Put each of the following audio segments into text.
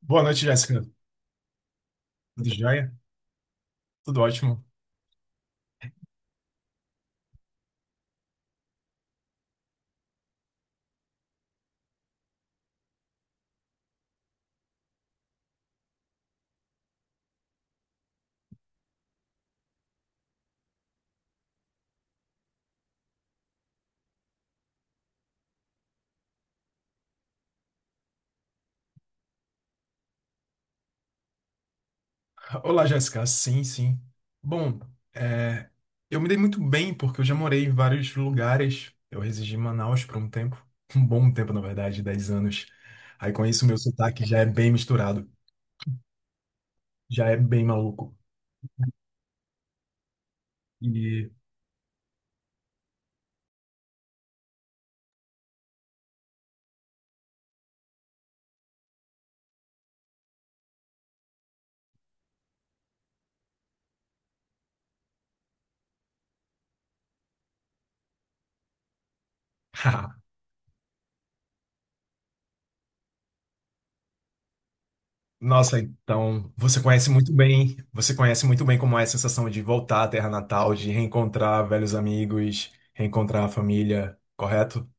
Boa noite, Jéssica. Tudo jóia? Tudo ótimo. Olá, Jéssica. Sim, sim. Bom, é, eu me dei muito bem porque eu já morei em vários lugares. Eu residi em Manaus por um tempo, um bom tempo, na verdade, 10 anos. Aí com isso, meu sotaque já é bem misturado, já é bem maluco. E. Nossa, então você conhece muito bem como é a sensação de voltar à terra natal, de reencontrar velhos amigos, reencontrar a família, correto?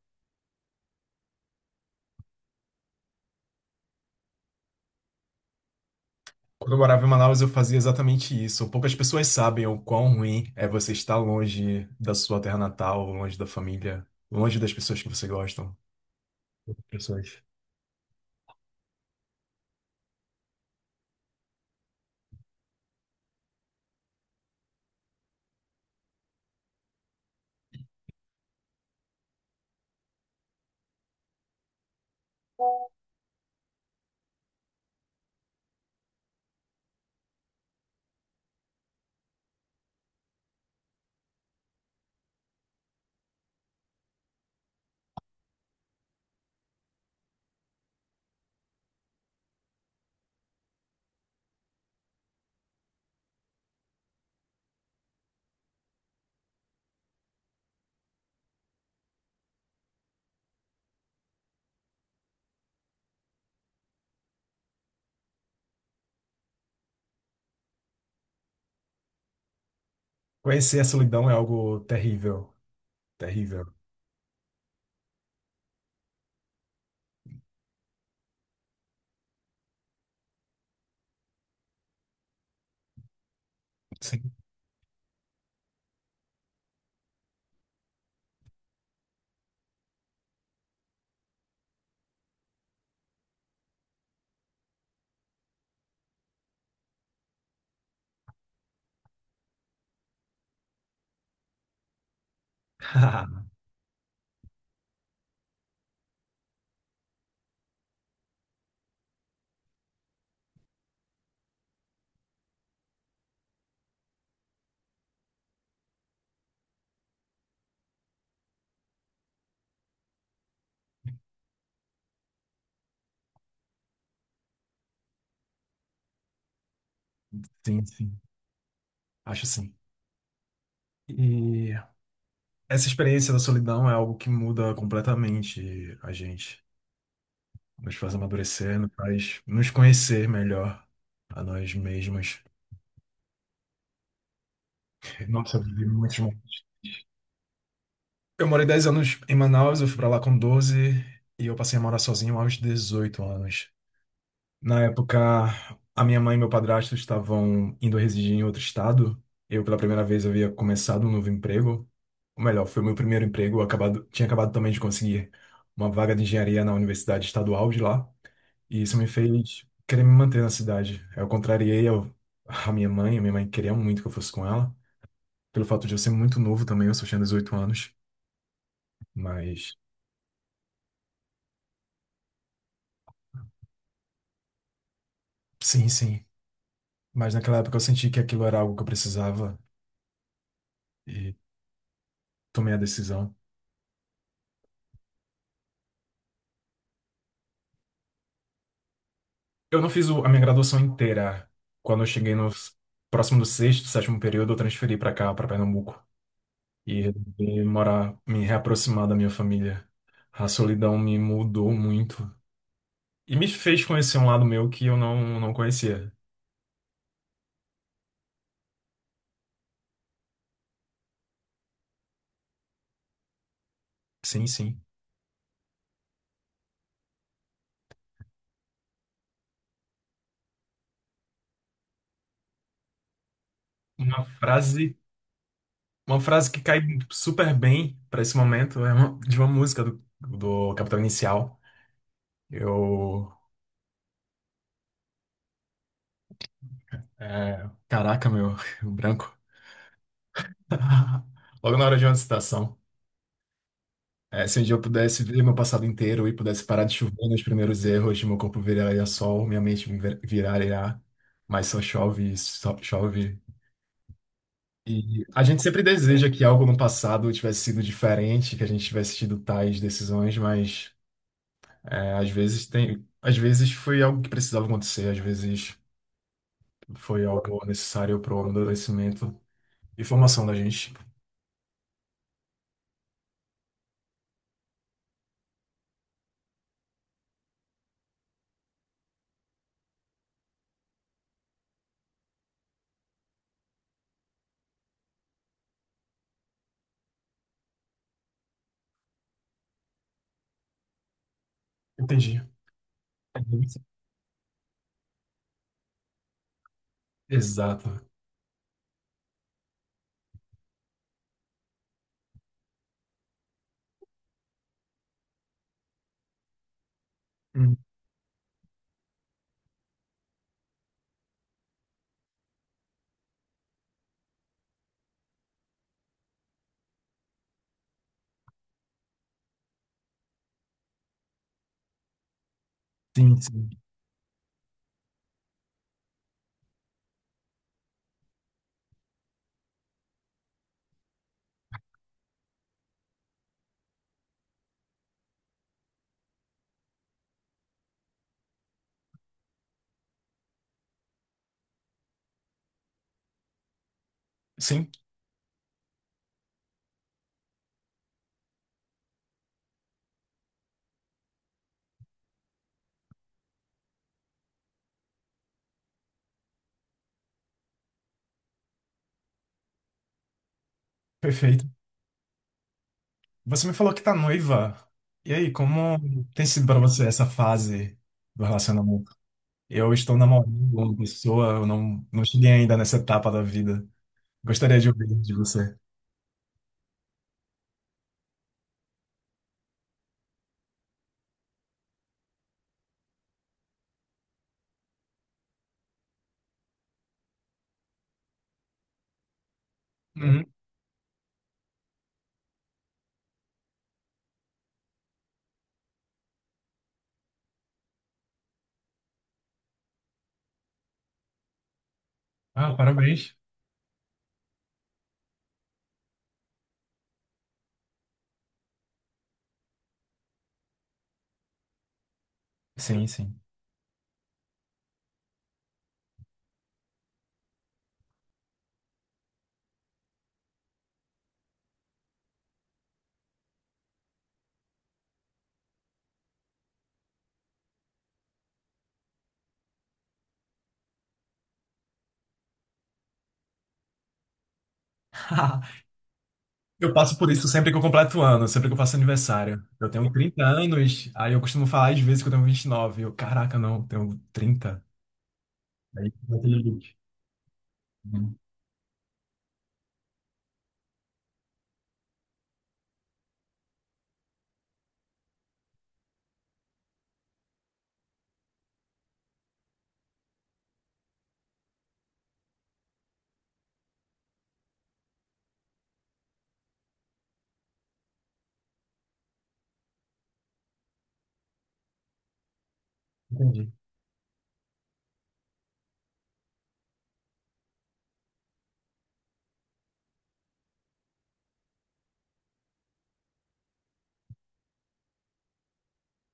Quando eu morava em Manaus, eu fazia exatamente isso. Poucas pessoas sabem o quão ruim é você estar longe da sua terra natal, longe da família, longe das pessoas que você gosta. Pessoas. Conhecer a solidão é algo terrível. Terrível. Sim. Sim, sim. Acho sim. E essa experiência da solidão é algo que muda completamente a gente. Nos faz amadurecer, nos faz nos conhecer melhor a nós mesmos. Nossa, eu vivi muitos. Eu morei 10 anos em Manaus, eu fui pra lá com 12 e eu passei a morar sozinho aos 18 anos. Na época, a minha mãe e meu padrasto estavam indo residir em outro estado. Eu, pela primeira vez, havia começado um novo emprego. Ou melhor, foi o meu primeiro emprego. Tinha acabado também de conseguir uma vaga de engenharia na Universidade Estadual de lá. E isso me fez querer me manter na cidade. A minha mãe. A minha mãe queria muito que eu fosse com ela. Pelo fato de eu ser muito novo também, eu só tinha 18 anos. Mas... Sim, sim. Mas naquela época eu senti que aquilo era algo que eu precisava e tomei a decisão. Eu não fiz o- A minha graduação inteira, quando eu cheguei no s- próximo do sexto, sétimo período, eu transferi para cá, para Pernambuco. E resolvi morar, me reaproximar da minha família. A solidão me mudou muito. E me fez conhecer um lado meu que eu não, não conhecia. Sim, sim. Uma frase, uma frase que cai super bem para esse momento é de uma música do Capital Inicial. Eu é, caraca, meu, o branco. Logo na hora de uma citação. É, se um dia eu pudesse ver meu passado inteiro e pudesse parar de chover nos primeiros erros, meu corpo viraria sol, minha mente viraria, mas só chove, só chove. E a gente sempre deseja que algo no passado tivesse sido diferente, que a gente tivesse tido tais decisões, mas é, às vezes foi algo que precisava acontecer, às vezes foi algo necessário para o amadurecimento e formação da gente. Entendi. Exato. Hum. Sim, sim. Sim, perfeito. Você me falou que tá noiva. E aí, como tem sido para você essa fase do relacionamento? Eu estou namorando uma pessoa, eu não, não cheguei ainda nessa etapa da vida. Gostaria de ouvir de você. Uhum. Ah, parabéns. Sim, sim. Eu passo por isso sempre que eu completo ano, sempre que eu faço aniversário. Eu tenho 30 anos, aí eu costumo falar às vezes que eu tenho 29. Eu, caraca, não, tenho 30. Aí, eu tenho 20. Uhum. Entendi.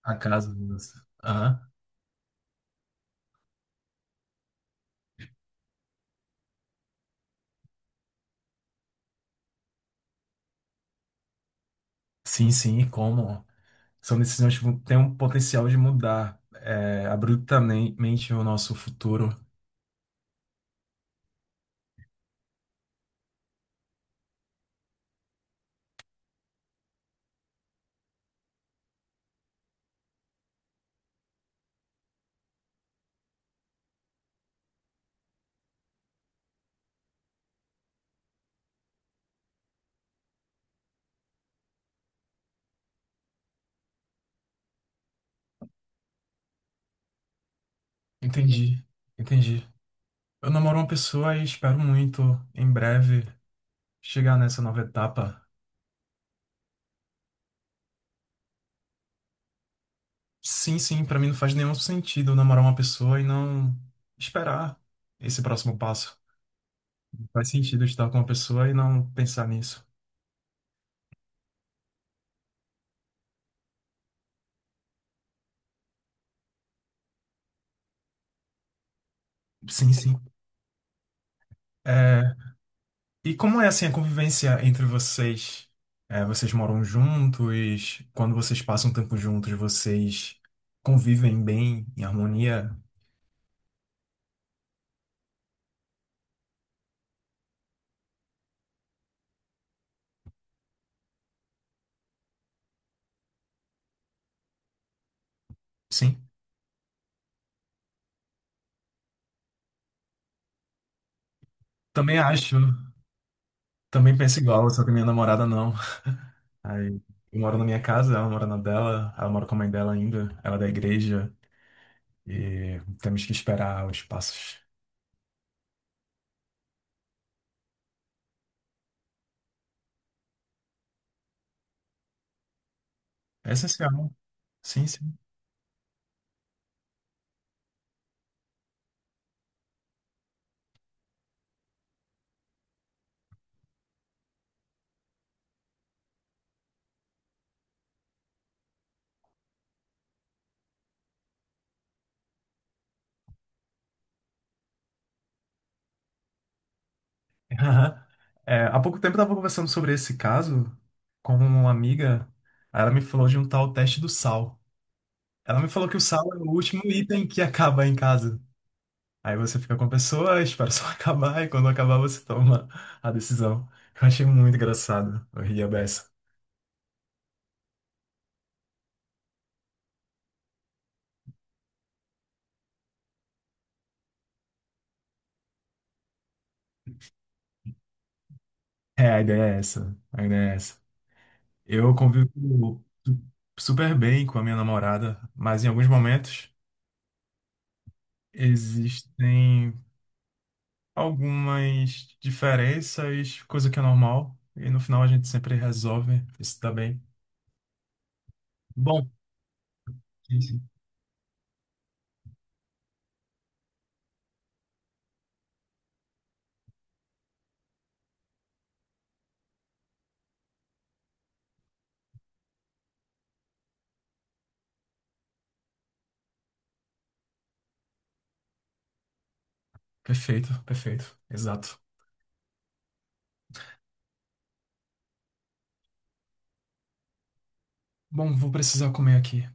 A casa. Nossa. Aham. Sim, sim, e como? São decisões que têm um potencial de mudar é, abruptamente o nosso futuro. Entendi, entendi. Eu namoro uma pessoa e espero muito, em breve, chegar nessa nova etapa. Sim, sim, pra mim não faz nenhum sentido eu namorar uma pessoa e não esperar esse próximo passo. Não faz sentido eu estar com uma pessoa e não pensar nisso. Sim, sim. É, e como é assim a convivência entre vocês? É, vocês moram juntos? Quando vocês passam tempo juntos, vocês convivem bem, em harmonia? Sim, também acho. Também penso igual, só que minha namorada não. Aí, eu moro na minha casa, ela mora na dela, ela mora com a mãe dela ainda, ela é da igreja, e temos que esperar os passos. É essencial. Sim, sim. Aham. É, há pouco tempo eu estava conversando sobre esse caso com uma amiga. Aí ela me falou de um tal teste do sal. Ela me falou que o sal é o último item que acaba em casa. Aí você fica com a pessoa, espera só acabar, e quando acabar você toma a decisão. Eu achei muito engraçado. Eu ria beça. É, a ideia é essa. A ideia é essa. Eu convivo su- super bem com a minha namorada, mas em alguns momentos existem algumas diferenças, coisa que é normal, e no final a gente sempre resolve isso tá bem. Bom, sim, sim. Perfeito, perfeito, exato. Bom, vou precisar comer aqui.